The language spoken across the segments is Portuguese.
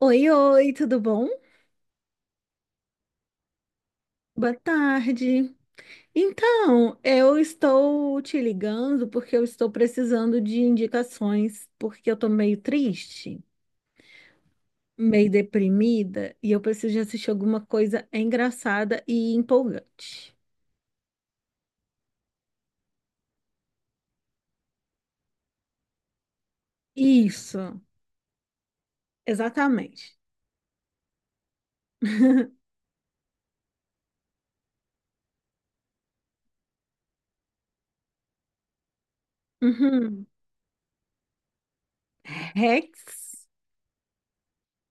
Oi, oi, tudo bom? Boa tarde. Então, eu estou te ligando porque eu estou precisando de indicações, porque eu tô meio triste, meio deprimida e eu preciso de assistir alguma coisa engraçada e empolgante. Isso, exatamente. Uhum. Rex?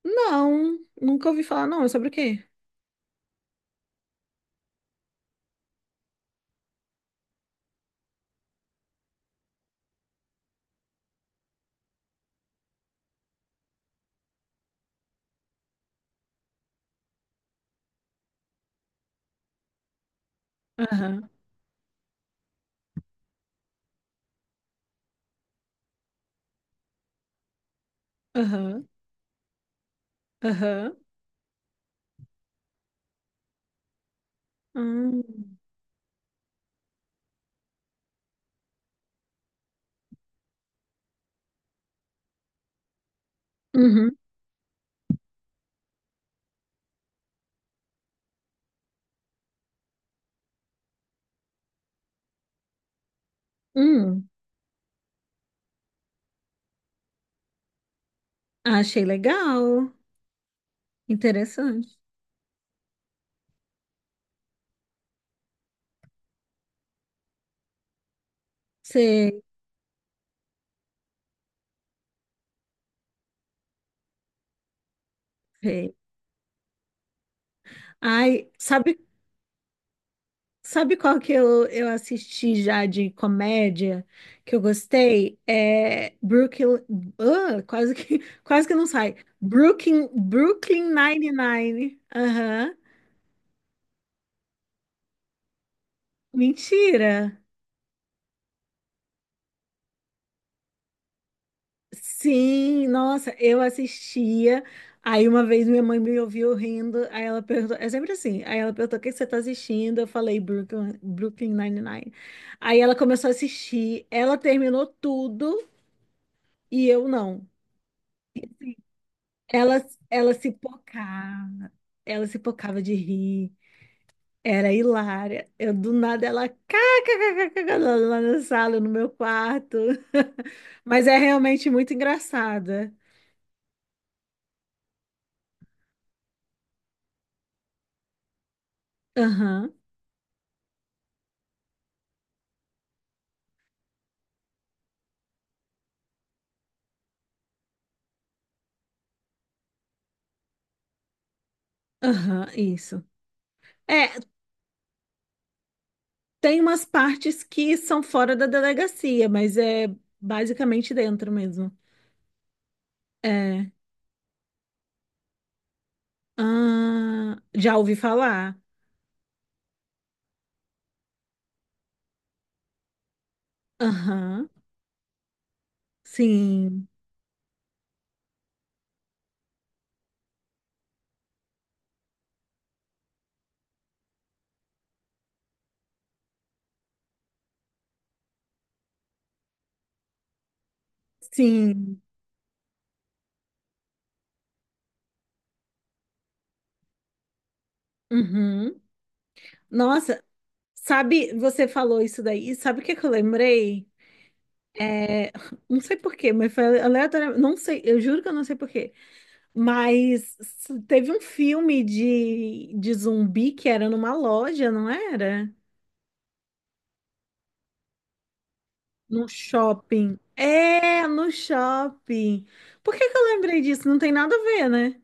Não, nunca ouvi falar, não. É sobre o quê? Aham, aham, aham. Hum. Uhum. Hum. Achei legal. Interessante. Você vê. Ai, sabe, sabe qual que eu assisti já de comédia que eu gostei? É Brooklyn. Ah, quase que, quase que não sai. Brooklyn, Brooklyn Nine-Nine. Aham. Mentira. Sim, nossa, eu assistia. Aí uma vez minha mãe me ouviu rindo, aí ela perguntou, é sempre assim, aí ela perguntou o que que você tá assistindo, eu falei Brooklyn, Brooklyn Nine-Nine. Aí ela começou a assistir, ela terminou tudo e eu não. Ela, ela se pocava, ela se pocava de rir, era hilária. Eu do nada ela kkkk, lá lá na sala, no meu quarto. Mas é realmente muito engraçada. Aham, aham, isso. É, tem umas partes que são fora da delegacia, mas é basicamente dentro mesmo. É. Ah, já ouvi falar. Aham. Sim. Sim. Uhum. Nossa, sabe, você falou isso daí, e sabe o que que eu lembrei? É, não sei por quê, mas foi aleatório, não sei, eu juro que eu não sei por quê. Mas teve um filme de zumbi que era numa loja, não era? No shopping. É, no shopping. Por que que eu lembrei disso? Não tem nada a ver, né?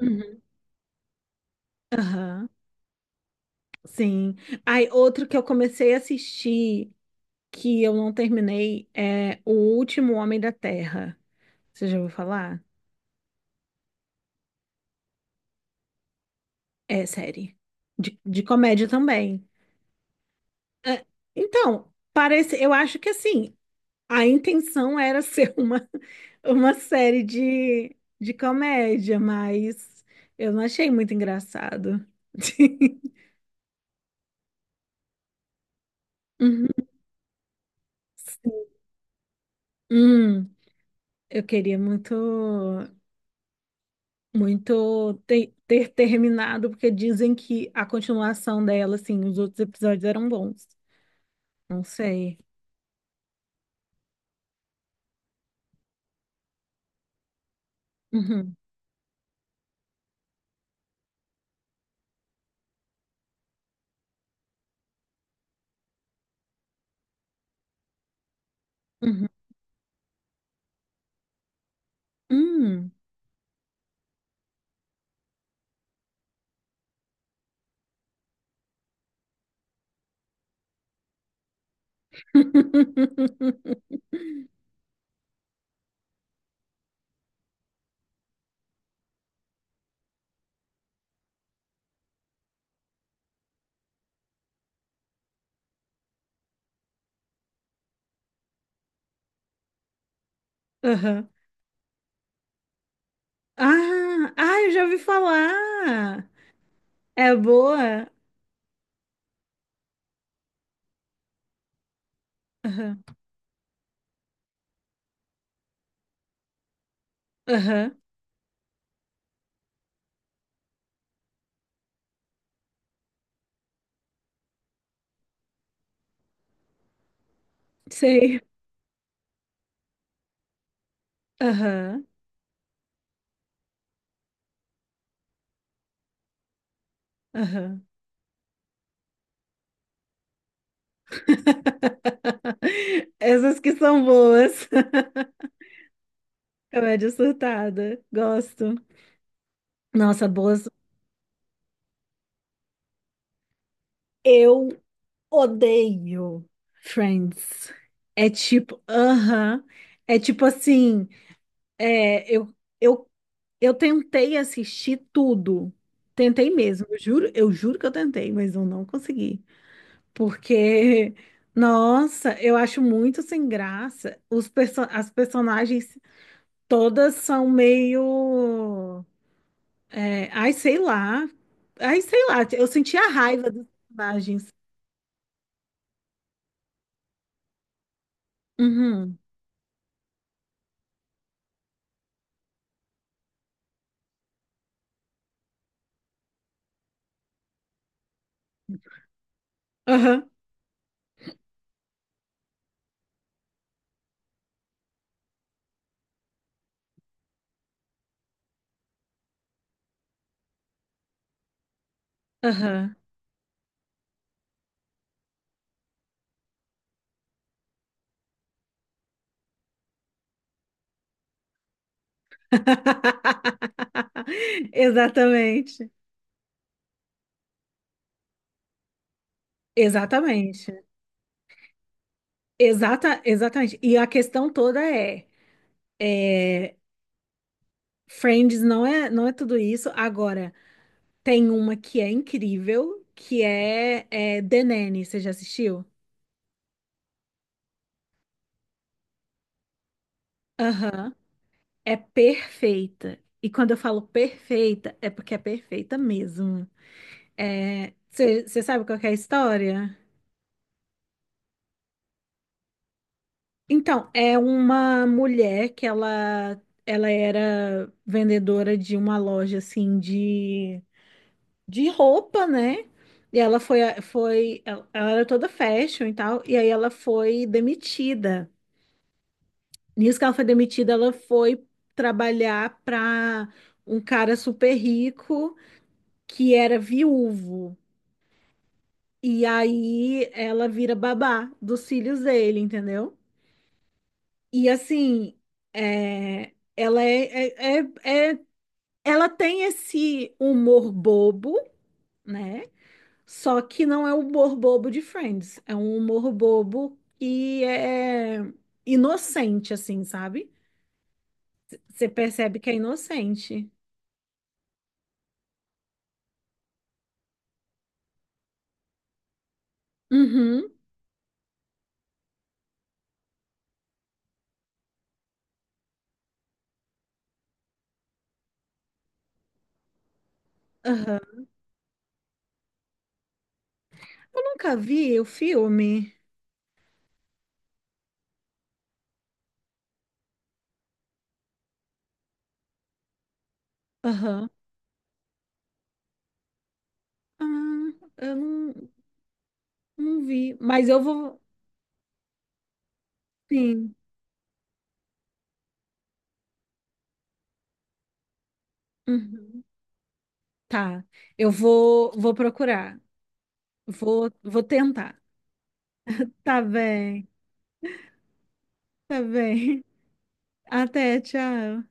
Uhum. Aham, sim. Aí, outro que eu comecei a assistir, que eu não terminei, é O Último Homem da Terra. Você já ouviu falar? É série. De comédia também. É, então, parece, eu acho que assim, a intenção era ser uma série de comédia, mas eu não achei muito engraçado. Uhum. Hum, eu queria muito, muito ter, ter terminado, porque dizem que a continuação dela, assim, os outros episódios eram bons. Não sei. Uhum, uhum, hum. Aham. Ah, ah, eu já ouvi falar. É boa? Aham. Aham, sei. Aham, aham. Essas que são boas. Comédia surtada. Gosto. Nossa, boas. Eu odeio Friends. É tipo, aham. É tipo assim, é, eu, eu tentei assistir tudo. Tentei mesmo, eu juro que eu tentei, mas eu não consegui. Porque, nossa, eu acho muito sem graça. Os perso as personagens todas são meio. É, ai, sei lá. Ai, sei lá. Eu senti a raiva dos personagens. Uhum. Aham. Aham. Exatamente. Exatamente. Exatamente. E a questão toda é: Friends não é, não é tudo isso. Agora. Tem uma que é incrível, que é, é The Nanny. Você já assistiu? Aham. É perfeita. E quando eu falo perfeita, é porque é perfeita mesmo. É, você sabe qual que é a história? Então, é uma mulher que ela era vendedora de uma loja assim de roupa, né? E ela foi, foi, ela era toda fashion e tal, e aí ela foi demitida. Nisso que ela foi demitida, ela foi trabalhar para um cara super rico que era viúvo. E aí ela vira babá dos filhos dele, entendeu? E assim, é, ela é, é, é, é- ela tem esse humor bobo, né? Só que não é o humor bobo de Friends, é um humor bobo que é inocente, assim, sabe? Você percebe que é inocente. Uhum. Aham. Eu nunca vi o filme. Aham. Ah, eu não, não vi. Mas eu vou. Sim. Uhum. Tá. Eu vou, vou procurar. Vou, vou tentar. Tá bem. Tá bem. Até, tchau.